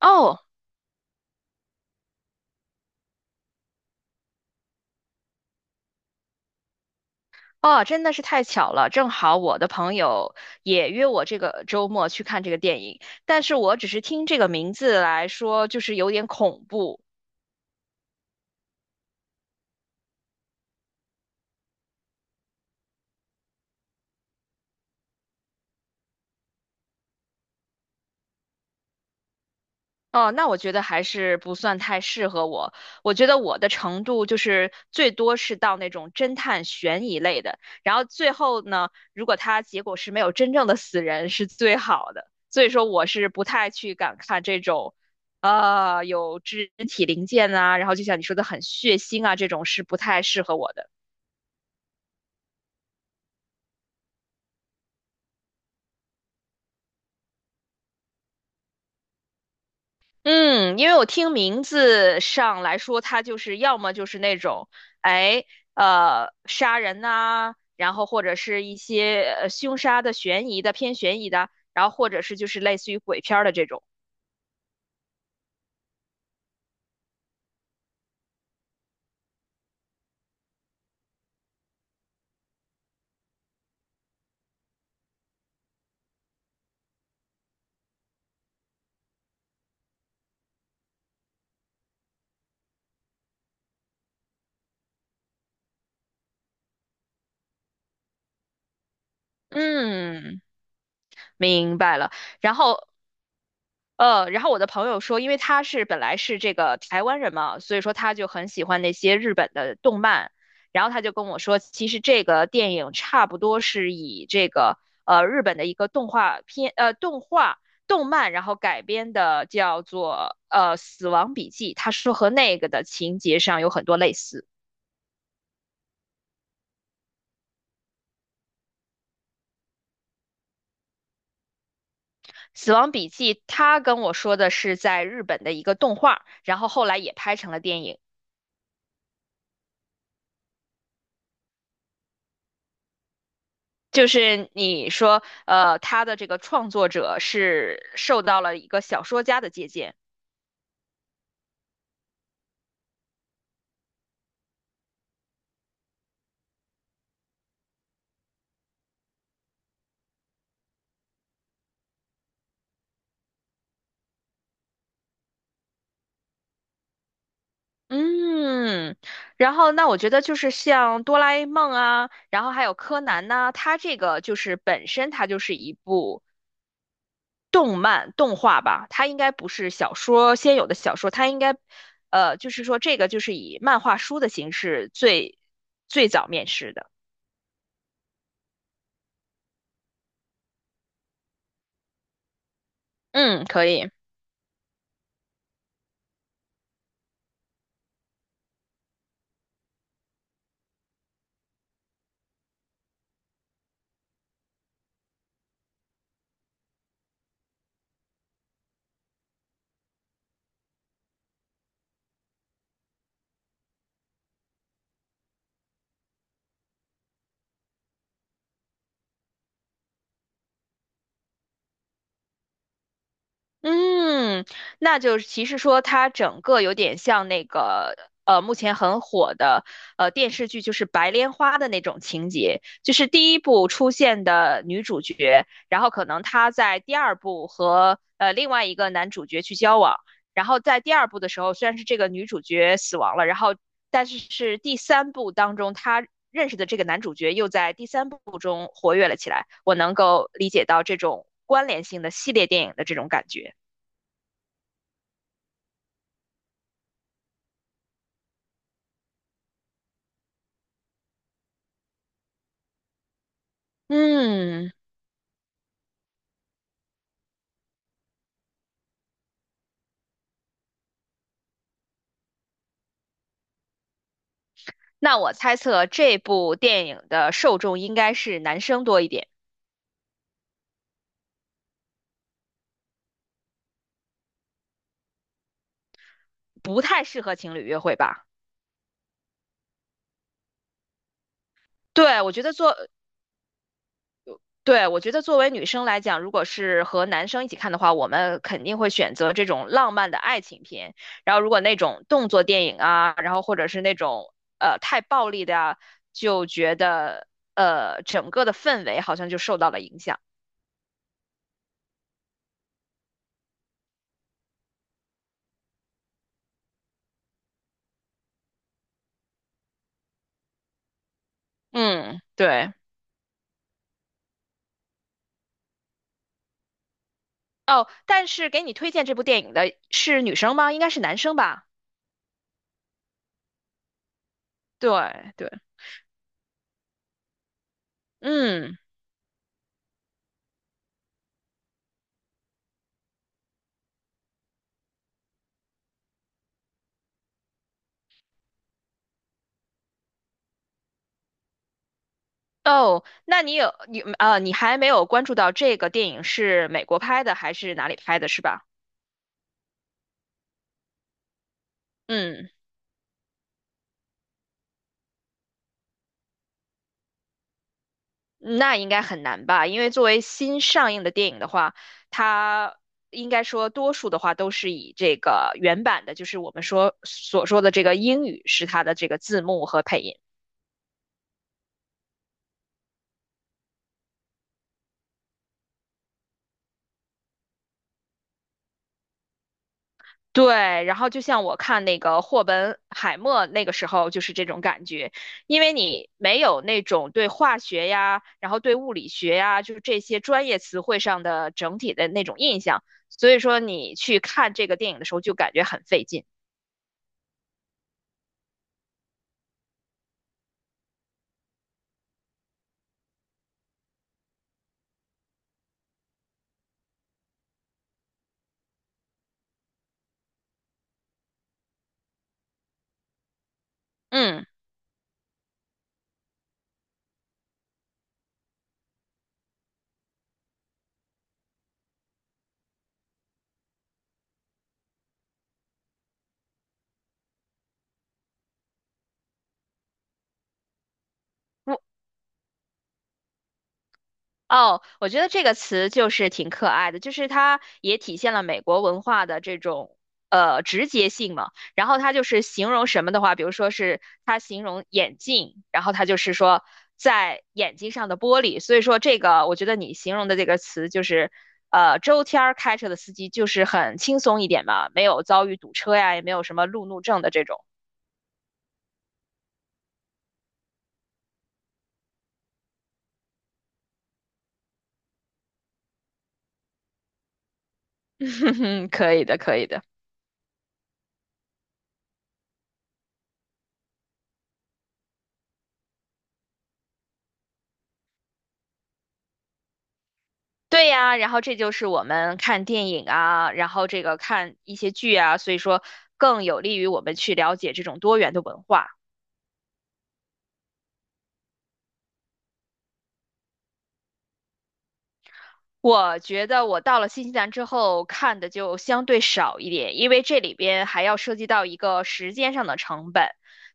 哦哦，真的是太巧了，正好我的朋友也约我这个周末去看这个电影，但是我只是听这个名字来说，就是有点恐怖，哦，那我觉得还是不算太适合我。我觉得我的程度就是最多是到那种侦探悬疑类的，然后最后呢，如果它结果是没有真正的死人是最好的。所以说我是不太去敢看这种，有肢体零件啊，然后就像你说的很血腥啊，这种是不太适合我的。嗯，因为我听名字上来说，他就是要么就是那种，哎，杀人呐、然后或者是一些凶杀的、悬疑的、偏悬疑的，然后或者是就是类似于鬼片儿的这种。嗯，明白了。然后然后我的朋友说，因为他是本来是这个台湾人嘛，所以说他就很喜欢那些日本的动漫，然后他就跟我说，其实这个电影差不多是以这个日本的一个动画片动画动漫，然后改编的，叫做《死亡笔记》，他说和那个的情节上有很多类似。《死亡笔记》他跟我说的是在日本的一个动画，然后后来也拍成了电影。就是你说，他的这个创作者是受到了一个小说家的借鉴，嗯，然后那我觉得就是像哆啦 A 梦啊，然后还有柯南呐、它这个就是本身它就是一部动漫动画吧，它应该不是小说先有的小说，它应该，就是说这个就是以漫画书的形式最早面世的，嗯，可以。嗯，那就是其实说它整个有点像那个目前很火的电视剧，就是《白莲花》的那种情节，就是第一部出现的女主角，然后可能她在第二部和另外一个男主角去交往，然后在第二部的时候，虽然是这个女主角死亡了，然后但是是第三部当中她认识的这个男主角又在第三部中活跃了起来，我能够理解到这种关联性的系列电影的这种感觉。嗯，那我猜测这部电影的受众应该是男生多一点，不太适合情侣约会吧？对，我觉得作，对，我觉得作为女生来讲，如果是和男生一起看的话，我们肯定会选择这种浪漫的爱情片。然后，如果那种动作电影啊，然后或者是那种太暴力的啊，就觉得整个的氛围好像就受到了影响。嗯，对。哦，但是给你推荐这部电影的是女生吗？应该是男生吧？对对，嗯，哦，那你还没有关注到这个电影是美国拍的还是哪里拍的，是吧？嗯，那应该很难吧？因为作为新上映的电影的话，它应该说多数的话都是以这个原版的，就是我们说所说的这个英语是它的这个字幕和配音。对，然后就像我看那个霍本海默那个时候就是这种感觉，因为你没有那种对化学呀，然后对物理学呀，就是这些专业词汇上的整体的那种印象，所以说你去看这个电影的时候就感觉很费劲。嗯，哦，我觉得这个词就是挺可爱的，就是它也体现了美国文化的这种直接性嘛。然后它就是形容什么的话，比如说是它形容眼镜，然后它就是说在眼睛上的玻璃。所以说这个，我觉得你形容的这个词就是，周天儿开车的司机就是很轻松一点嘛，没有遭遇堵车呀，也没有什么路怒症的这种。可以的，可以的。对呀，然后这就是我们看电影啊，然后这个看一些剧啊，所以说更有利于我们去了解这种多元的文化。我觉得我到了新西兰之后看的就相对少一点，因为这里边还要涉及到一个时间上的成本，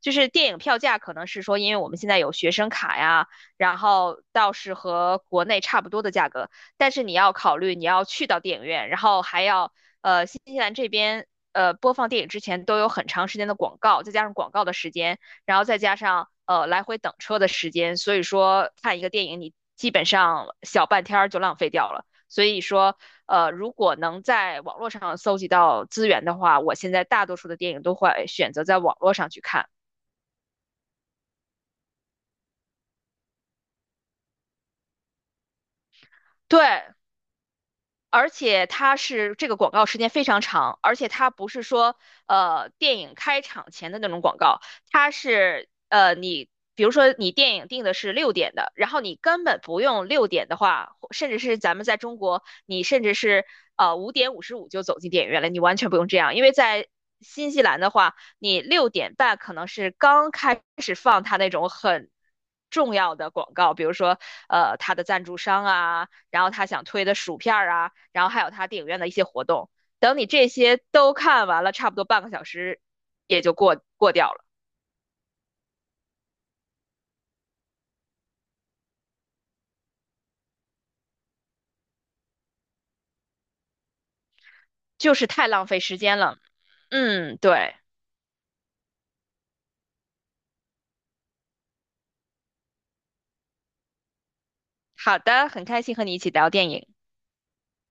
就是电影票价可能是说，因为我们现在有学生卡呀，然后倒是和国内差不多的价格，但是你要考虑你要去到电影院，然后还要新西兰这边播放电影之前都有很长时间的广告，再加上广告的时间，然后再加上来回等车的时间，所以说看一个电影你基本上小半天儿就浪费掉了。所以说，如果能在网络上搜集到资源的话，我现在大多数的电影都会选择在网络上去看。对，而且它是这个广告时间非常长，而且它不是说电影开场前的那种广告，它是你比如说你电影定的是六点的，然后你根本不用六点的话，或甚至是咱们在中国，你甚至是5:55就走进电影院了，你完全不用这样，因为在新西兰的话，你6点半可能是刚开始放它那种很重要的广告，比如说，它的赞助商啊，然后他想推的薯片啊，然后还有他电影院的一些活动。等你这些都看完了，差不多半个小时也就过掉了，就是太浪费时间了。嗯，对，好的，很开心和你一起聊电影。